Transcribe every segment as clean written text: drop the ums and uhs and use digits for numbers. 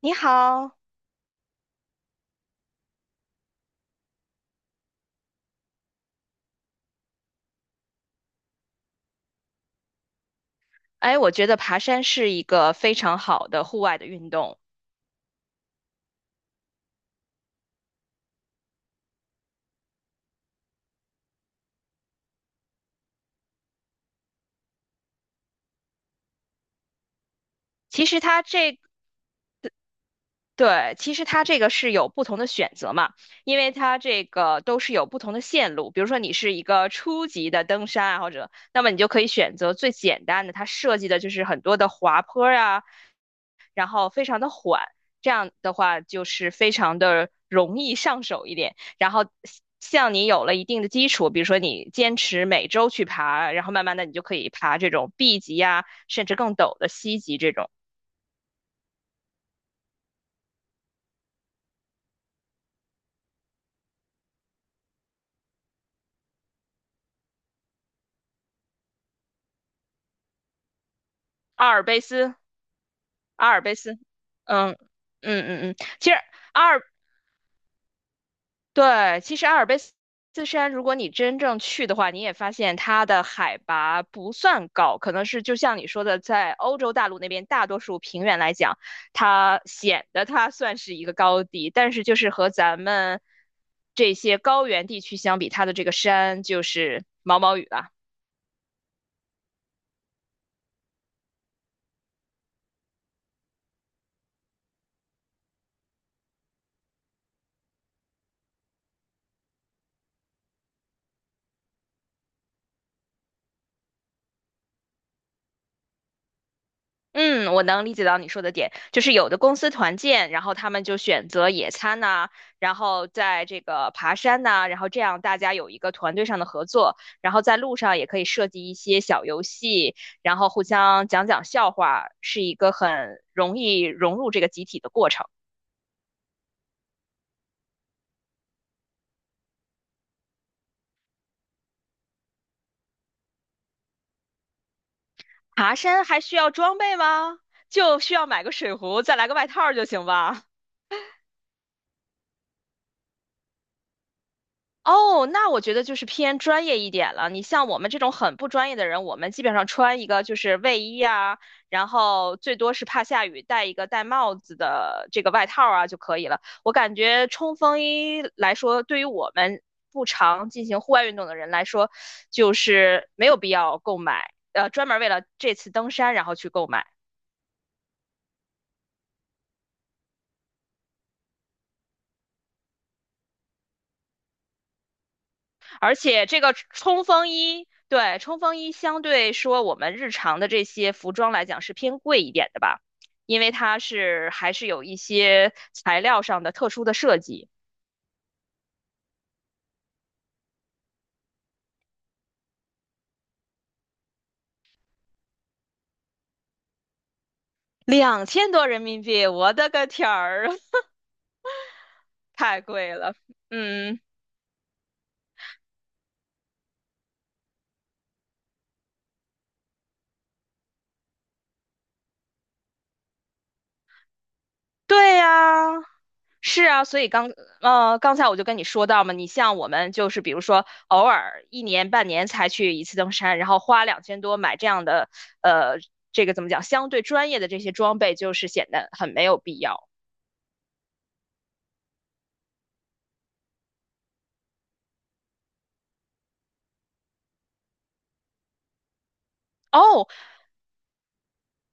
你好，哎，我觉得爬山是一个非常好的户外的运动。其实它这，对，其实它这个是有不同的选择嘛，因为它这个都是有不同的线路。比如说你是一个初级的登山爱好者，那么你就可以选择最简单的，它设计的就是很多的滑坡啊，然后非常的缓，这样的话就是非常的容易上手一点。然后像你有了一定的基础，比如说你坚持每周去爬，然后慢慢的你就可以爬这种 B 级呀、甚至更陡的 C 级这种阿尔卑斯，阿尔卑斯，嗯其实阿尔对，其实阿尔卑斯山，如果你真正去的话，你也发现它的海拔不算高，可能是就像你说的，在欧洲大陆那边大多数平原来讲，它显得它算是一个高地，但是就是和咱们这些高原地区相比，它的这个山就是毛毛雨了。嗯，我能理解到你说的点，就是有的公司团建，然后他们就选择野餐呐、然后在这个爬山呐、然后这样大家有一个团队上的合作，然后在路上也可以设计一些小游戏，然后互相讲讲笑话，是一个很容易融入这个集体的过程。爬山还需要装备吗？就需要买个水壶，再来个外套儿就行吧。哦，那我觉得就是偏专业一点了。你像我们这种很不专业的人，我们基本上穿一个就是卫衣啊，然后最多是怕下雨戴一个戴帽子的这个外套啊就可以了。我感觉冲锋衣来说，对于我们不常进行户外运动的人来说，就是没有必要购买，专门为了这次登山然后去购买。而且这个冲锋衣，对，冲锋衣相对说我们日常的这些服装来讲是偏贵一点的吧，因为它是还是有一些材料上的特殊的设计。两千多人民币，我的个天儿，太贵了。嗯，对呀，是啊，所以刚才我就跟你说到嘛，你像我们就是比如说偶尔一年半年才去一次登山，然后花两千多买这样的呃这个怎么讲，相对专业的这些装备，就是显得很没有必要哦。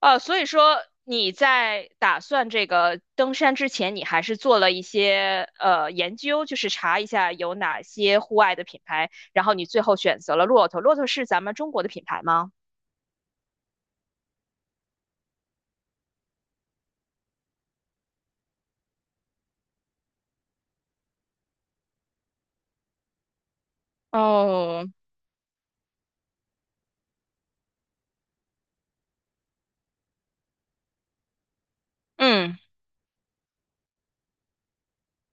所以说你在打算这个登山之前，你还是做了一些研究，就是查一下有哪些户外的品牌，然后你最后选择了骆驼。骆驼是咱们中国的品牌吗？哦，嗯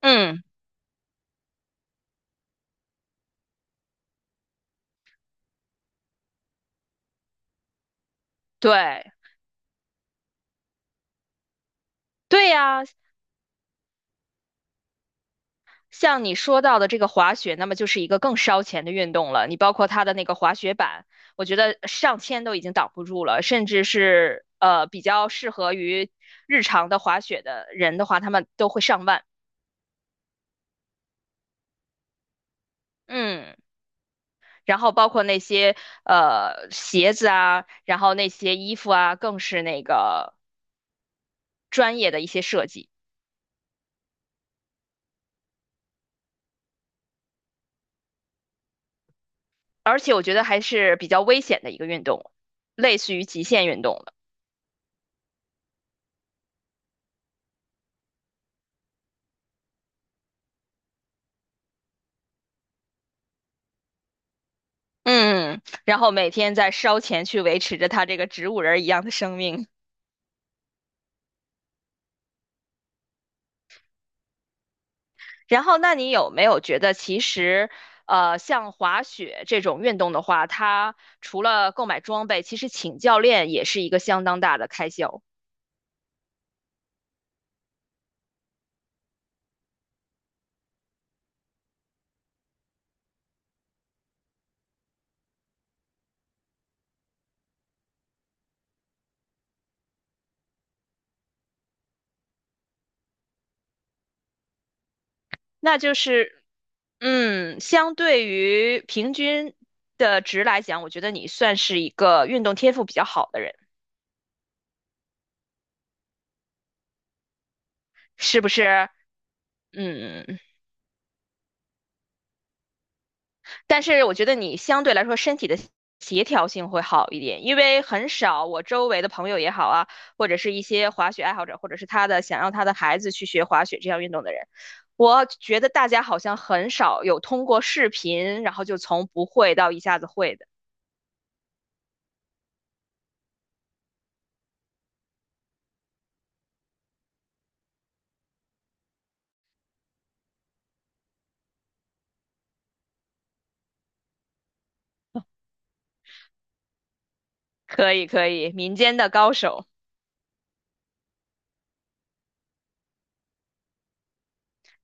嗯，对。对呀，像你说到的这个滑雪，那么就是一个更烧钱的运动了。你包括它的那个滑雪板，我觉得上千都已经挡不住了，甚至是比较适合于日常的滑雪的人的话，他们都会上万。嗯，然后包括那些鞋子啊，然后那些衣服啊，更是那个专业的一些设计，而且我觉得还是比较危险的一个运动，类似于极限运动。嗯，然后每天在烧钱去维持着他这个植物人儿一样的生命。然后，那你有没有觉得，其实，像滑雪这种运动的话，它除了购买装备，其实请教练也是一个相当大的开销。那就是，相对于平均的值来讲，我觉得你算是一个运动天赋比较好的人，是不是？嗯。但是我觉得你相对来说身体的协调性会好一点，因为很少我周围的朋友也好啊，或者是一些滑雪爱好者，或者是他的想让他的孩子去学滑雪这项运动的人，我觉得大家好像很少有通过视频，然后就从不会到一下子会的。可以，可以，民间的高手。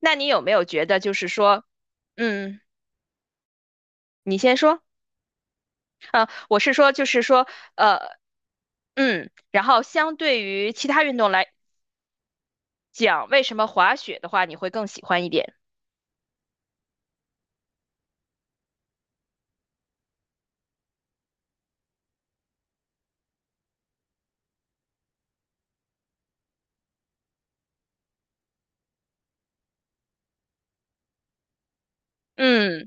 那你有没有觉得就是说，嗯，你先说，啊，我是说就是说，呃，然后相对于其他运动来讲为什么滑雪的话你会更喜欢一点。嗯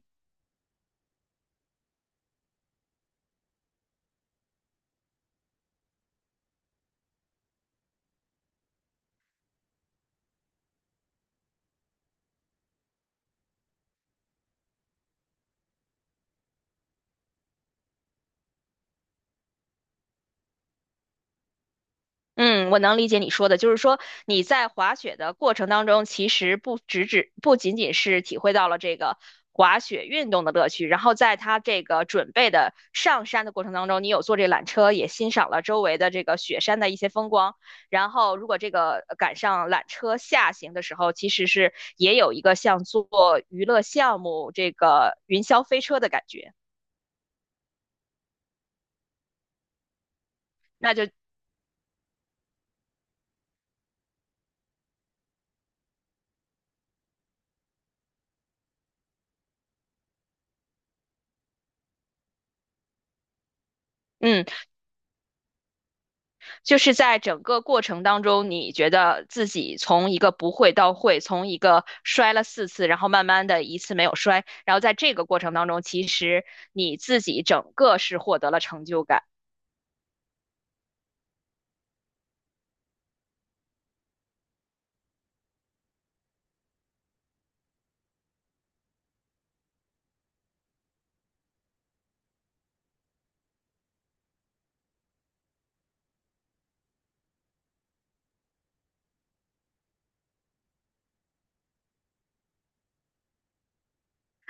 嗯，我能理解你说的，就是说你在滑雪的过程当中，其实不只只不仅仅是体会到了这个滑雪运动的乐趣，然后在它这个准备的上山的过程当中，你有坐这缆车，也欣赏了周围的这个雪山的一些风光。然后，如果这个赶上缆车下行的时候，其实是也有一个像做娱乐项目这个云霄飞车的感觉。嗯。就是在整个过程当中，你觉得自己从一个不会到会，从一个摔了4次，然后慢慢的一次没有摔，然后在这个过程当中，其实你自己整个是获得了成就感。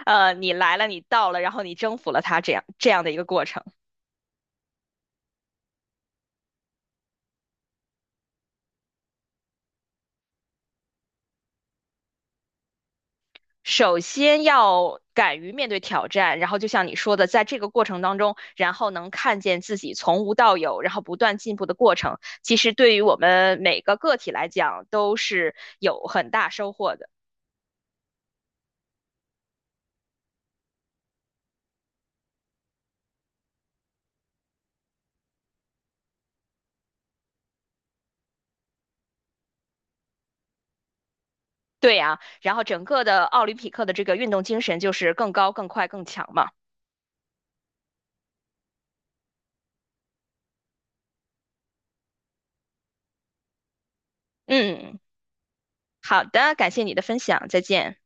呃，你来了，你到了，然后你征服了它，这样这样的一个过程。首先要敢于面对挑战，然后就像你说的，在这个过程当中，然后能看见自己从无到有，然后不断进步的过程，其实对于我们每个个体来讲都是有很大收获的。对呀，然后整个的奥林匹克的这个运动精神就是更高、更快、更强嘛。嗯，好的，感谢你的分享，再见。